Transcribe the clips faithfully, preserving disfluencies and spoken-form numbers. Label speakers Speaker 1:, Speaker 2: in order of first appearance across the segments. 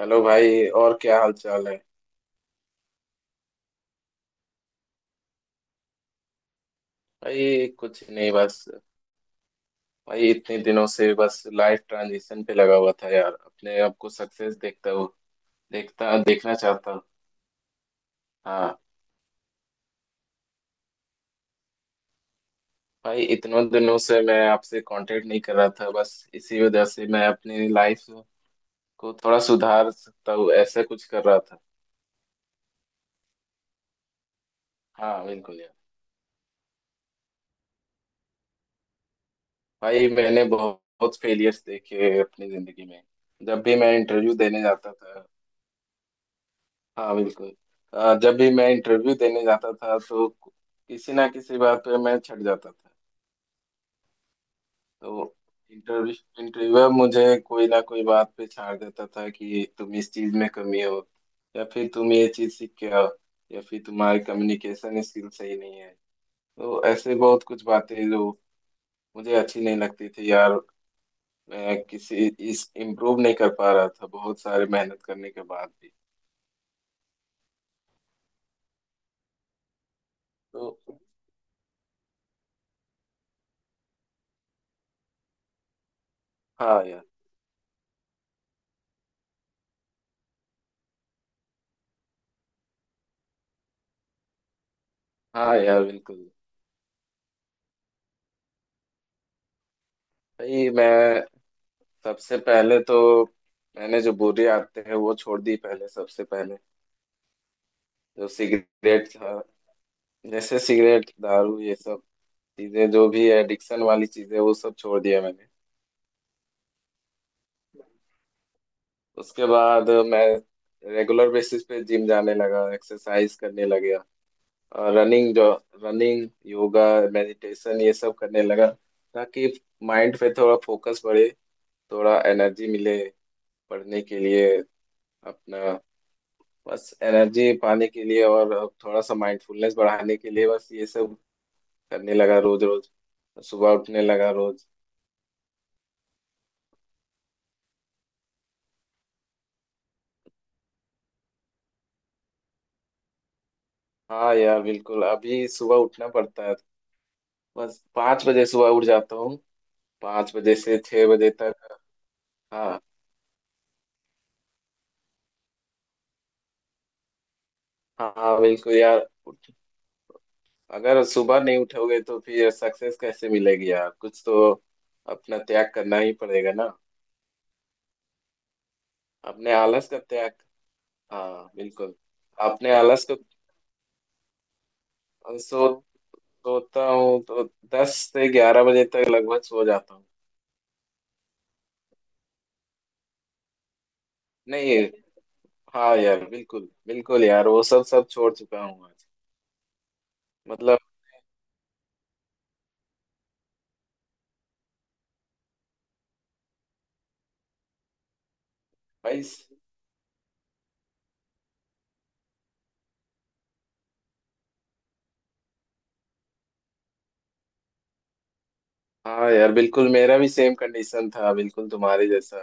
Speaker 1: Hello भाई। और क्या हाल चाल है। भाई कुछ नहीं बस। भाई इतने दिनों से बस लाइफ ट्रांजिशन पे लगा हुआ था यार। अपने आप को सक्सेस देखता हूँ। देखता देखना चाहता हूँ। हाँ। भाई इतनों दिनों से मैं आपसे कांटेक्ट नहीं कर रहा था, बस इसी वजह से मैं अपनी लाइफ को थोड़ा सुधार सकता हूँ ऐसा कुछ कर रहा था। हाँ बिल्कुल यार। भाई मैंने बहुत फेलियर्स देखे अपनी जिंदगी में। जब भी मैं इंटरव्यू देने जाता था। हाँ बिल्कुल। अ, जब भी मैं इंटरव्यू देने जाता था तो किसी ना किसी बात पे मैं छट जाता था। तो इंटरव्यू इंटरव्यूअर मुझे कोई ना कोई बात पे छाड़ देता था कि तुम इस चीज में कमी हो, या फिर तुम ये चीज सीख के आओ, या फिर तुम्हारी कम्युनिकेशन स्किल सही नहीं है। तो ऐसे बहुत कुछ बातें जो मुझे अच्छी नहीं लगती थी यार। मैं किसी इस इम्प्रूव नहीं कर पा रहा था बहुत सारे मेहनत करने के बाद भी। तो हाँ यार। हाँ यार बिल्कुल। भाई मैं सबसे पहले तो, मैंने जो बुरी आदतें हैं वो छोड़ दी पहले सबसे पहले। जो सिगरेट था, जैसे सिगरेट दारू ये सब चीजें, जो भी एडिक्शन वाली चीजें, वो सब छोड़ दिया मैंने। उसके बाद मैं रेगुलर बेसिस पे जिम जाने लगा, एक्सरसाइज करने लग गया। और रनिंग जो, रनिंग योगा मेडिटेशन ये सब करने लगा, ताकि माइंड पे थोड़ा फोकस बढ़े, थोड़ा एनर्जी मिले पढ़ने के लिए अपना, बस एनर्जी पाने के लिए और थोड़ा सा माइंडफुलनेस बढ़ाने के लिए। बस ये सब करने लगा रोज रोज। सुबह उठने लगा रोज। हाँ यार बिल्कुल, अभी सुबह उठना पड़ता है। बस पाँच बजे सुबह उठ जाता हूँ। पाँच बजे से छह बजे तक। हाँ। हाँ बिल्कुल यार। उठ- अगर सुबह नहीं उठोगे तो फिर सक्सेस कैसे मिलेगी यार। कुछ तो अपना त्याग करना ही पड़ेगा ना। अपने आलस का त्याग। हाँ बिल्कुल। अपने आलस को। सो सोता हूँ तो दस से ग्यारह बजे तक लगभग सो जाता हूँ। नहीं। हाँ यार बिल्कुल बिल्कुल यार, वो सब सब छोड़ चुका हूँ आज। मतलब। भाई हाँ यार बिल्कुल। मेरा भी सेम कंडीशन था बिल्कुल तुम्हारे जैसा।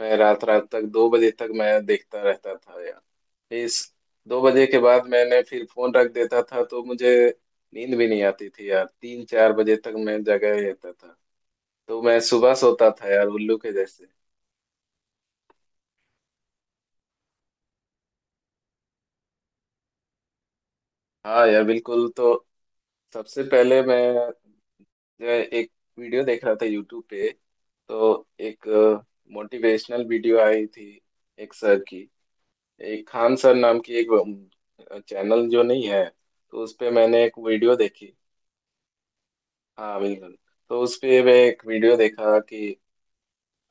Speaker 1: मैं रात रात तक दो बजे तक मैं देखता रहता था यार। इस, दो बजे के बाद मैंने फिर फोन रख देता था तो मुझे नींद भी नहीं आती थी यार। तीन चार बजे तक मैं जगह ही रहता था। तो मैं सुबह सोता था यार उल्लू के जैसे। हाँ यार बिल्कुल। तो सबसे पहले मैं एक वीडियो देख रहा था यूट्यूब पे। तो एक मोटिवेशनल वीडियो आई थी एक सर की, एक खान सर नाम की एक चैनल जो नहीं है। तो उस पे मैंने एक वीडियो देखी। हाँ बिल्कुल। तो उस पे मैं एक वीडियो देखा कि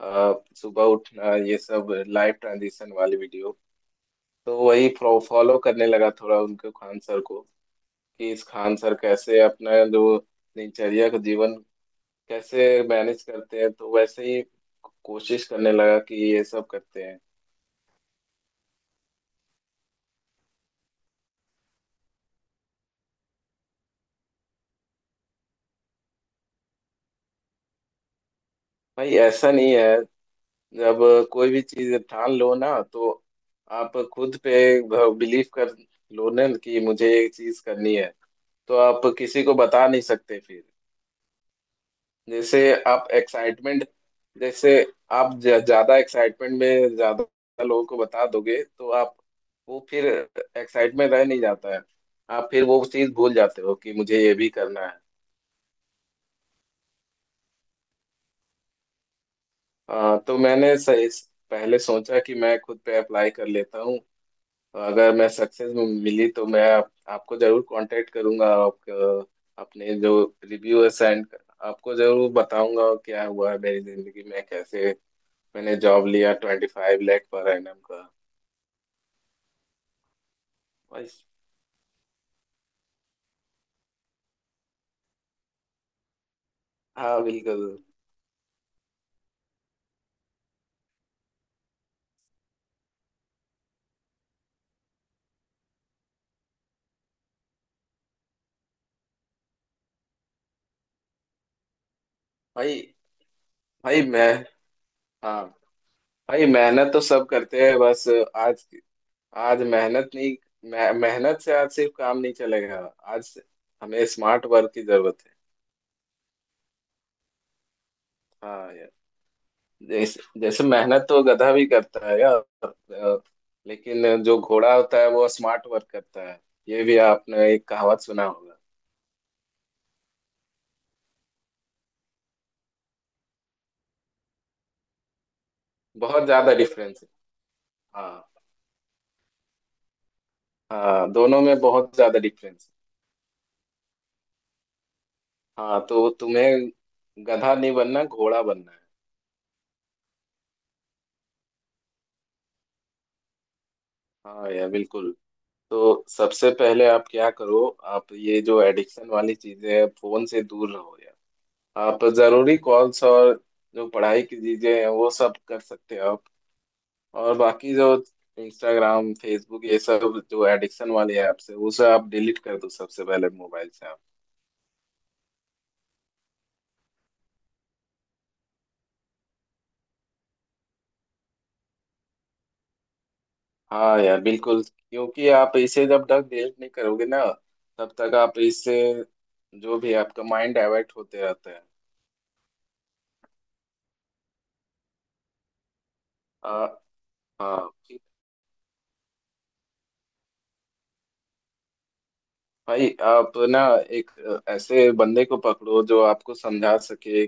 Speaker 1: अ, सुबह उठना ये सब, लाइफ ट्रांजिशन वाली वीडियो। तो वही फॉलो करने लगा थोड़ा उनके खान सर को कि इस खान सर कैसे अपना जो दिनचर्या का जीवन कैसे मैनेज करते हैं, तो वैसे ही कोशिश करने लगा कि ये सब करते हैं। भाई ऐसा नहीं है। जब कोई भी चीज ठान लो ना, तो आप खुद पे बिलीव कर लो ना कि मुझे ये चीज करनी है, तो आप किसी को बता नहीं सकते फिर। जैसे आप एक्साइटमेंट, जैसे आप ज- ज्यादा एक्साइटमेंट में ज्यादा लोगों को बता दोगे तो आप, वो फिर एक्साइटमेंट रह नहीं जाता है। आप फिर वो चीज भूल जाते हो कि मुझे ये भी करना है। आ, तो मैंने स- इस, पहले सोचा कि मैं खुद पे अप्लाई कर लेता हूँ। तो अगर मैं सक्सेस मिली तो मैं आप, आपको जरूर कांटेक्ट करूंगा। आप, अपने जो रिव्यू है send कर- आपको जरूर बताऊंगा क्या हुआ है मेरी जिंदगी में, कैसे मैंने जॉब लिया ट्वेंटी फाइव लाख पर एनम का। भाई। हाँ बिल्कुल। भाई। भाई मैं। हाँ भाई, मेहनत तो सब करते हैं बस। आज, आज मेहनत नहीं, मे- मेहनत से आज सिर्फ काम नहीं चलेगा। आज हमें स्मार्ट वर्क की जरूरत है। हाँ यार। जैसे जैसे, मेहनत तो गधा भी करता है यार। अ, लेकिन जो घोड़ा होता है वो स्मार्ट वर्क करता है। ये भी आपने एक कहावत सुना होगा। बहुत ज्यादा डिफरेंस है। हाँ। हाँ, दोनों में बहुत ज्यादा डिफरेंस है। हाँ तो तुम्हें गधा नहीं बनना, घोड़ा बनना है। हाँ यार बिल्कुल। तो सबसे पहले आप क्या करो, आप ये जो एडिक्शन वाली चीजें हैं फोन से दूर रहो यार। आप जरूरी कॉल्स और जो पढ़ाई की चीजें हैं वो सब कर सकते हो आप। और बाकी जो इंस्टाग्राम फेसबुक ये सब जो एडिक्शन वाले ऐप्स है, उसे आप डिलीट कर दो सबसे पहले मोबाइल से आप। हाँ यार बिल्कुल। क्योंकि आप इसे जब तक डिलीट नहीं करोगे ना, तब तक आप इससे, जो भी आपका माइंड डाइवर्ट होते रहता है। आ, हाँ भाई, आप ना एक अ, ऐसे बंदे को पकड़ो जो आपको समझा सके।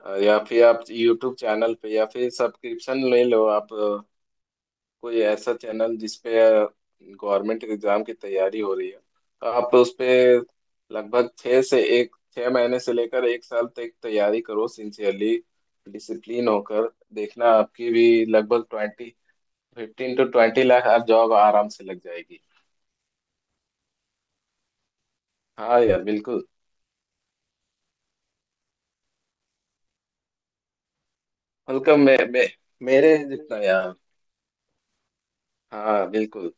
Speaker 1: अ, या फिर आप YouTube चैनल पे, या फिर सब्सक्रिप्शन ले लो आप। अ, कोई ऐसा चैनल जिसपे गवर्नमेंट एग्जाम की तैयारी हो रही है, तो आप उस पे लगभग छः से एक छः महीने से लेकर एक साल तक तैयारी करो सिंसियरली डिसिप्लिन होकर। देखना, आपकी भी लगभग twenty fifteen to twenty lakh आप जॉब आराम से लग जाएगी। हाँ यार बिल्कुल। मतलब मैं, मैं मेरे जितना यार। हाँ बिल्कुल।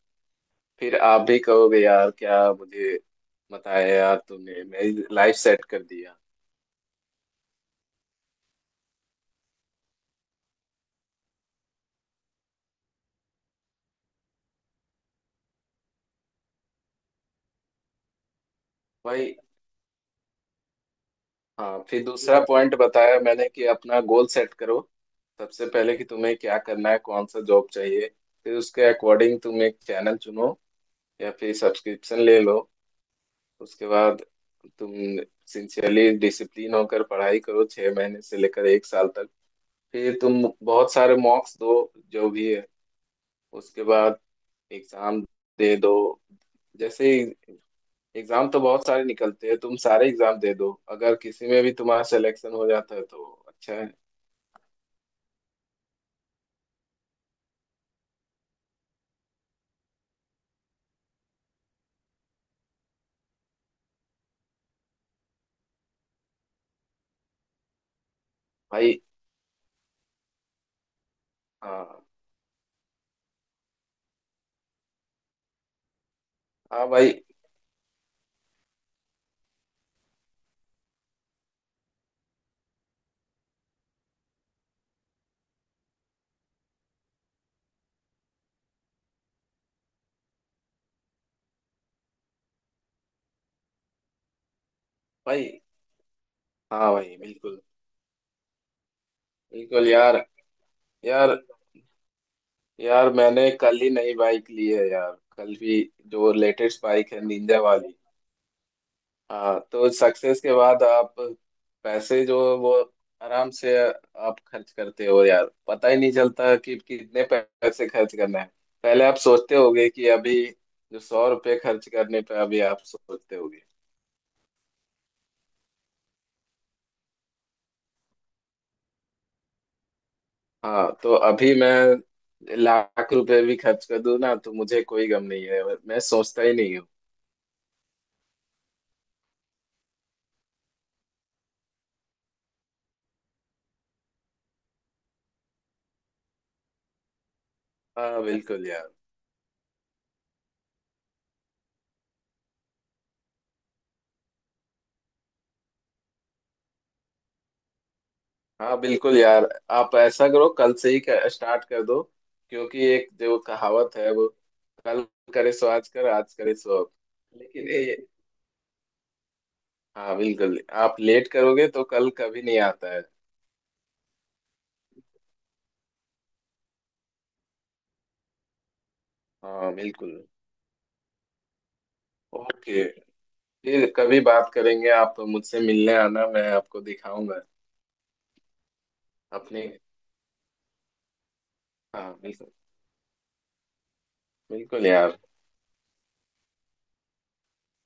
Speaker 1: फिर आप भी कहोगे यार क्या मुझे बताया यार तूने, मेरी लाइफ सेट कर दिया। भाई। हाँ, फिर दूसरा पॉइंट बताया मैंने कि अपना गोल सेट करो सबसे पहले, कि तुम्हें क्या करना है, कौन सा जॉब चाहिए। फिर उसके अकॉर्डिंग तुम एक चैनल चुनो या फिर सब्सक्रिप्शन ले लो। उसके बाद तुम सिंसियरली डिसिप्लिन होकर पढ़ाई करो छह महीने से लेकर एक साल तक। फिर तुम बहुत सारे मॉक्स दो जो भी है। उसके बाद एग्जाम दे दो। जैसे एग्जाम तो बहुत सारे निकलते हैं, तुम सारे एग्जाम दे दो, अगर किसी में भी तुम्हारा सिलेक्शन हो जाता है तो अच्छा है। भाई। हाँ। हाँ भाई। भाई। हाँ भाई, बिल्कुल बिल्कुल यार। यार, यार, मैंने कल ही नई बाइक ली है यार। कल भी, जो लेटेस्ट बाइक है निंजा वाली। हाँ, तो सक्सेस के बाद आप पैसे जो है वो आराम से आप खर्च करते हो यार, पता ही नहीं चलता कि कितने पैसे खर्च करना है। पहले आप सोचते होगे कि अभी जो सौ रुपये खर्च करने पे, अभी आप सोचते होगे। हाँ, तो अभी मैं लाख रुपए भी खर्च कर दूं ना तो मुझे कोई गम नहीं है, मैं सोचता ही नहीं हूँ। हाँ बिल्कुल यार। हाँ बिल्कुल यार। आप ऐसा करो कल से ही स्टार्ट कर दो। क्योंकि एक जो कहावत है वो, कल करे सो आज, कर आज करे सो अब। लेकिन ये। हाँ बिल्कुल। आप लेट करोगे तो कल कभी नहीं आता है। हाँ बिल्कुल। ओके, फिर कभी बात करेंगे, आप मुझसे मिलने आना, मैं आपको दिखाऊंगा अपने। हाँ बिल्कुल बिल्कुल यार।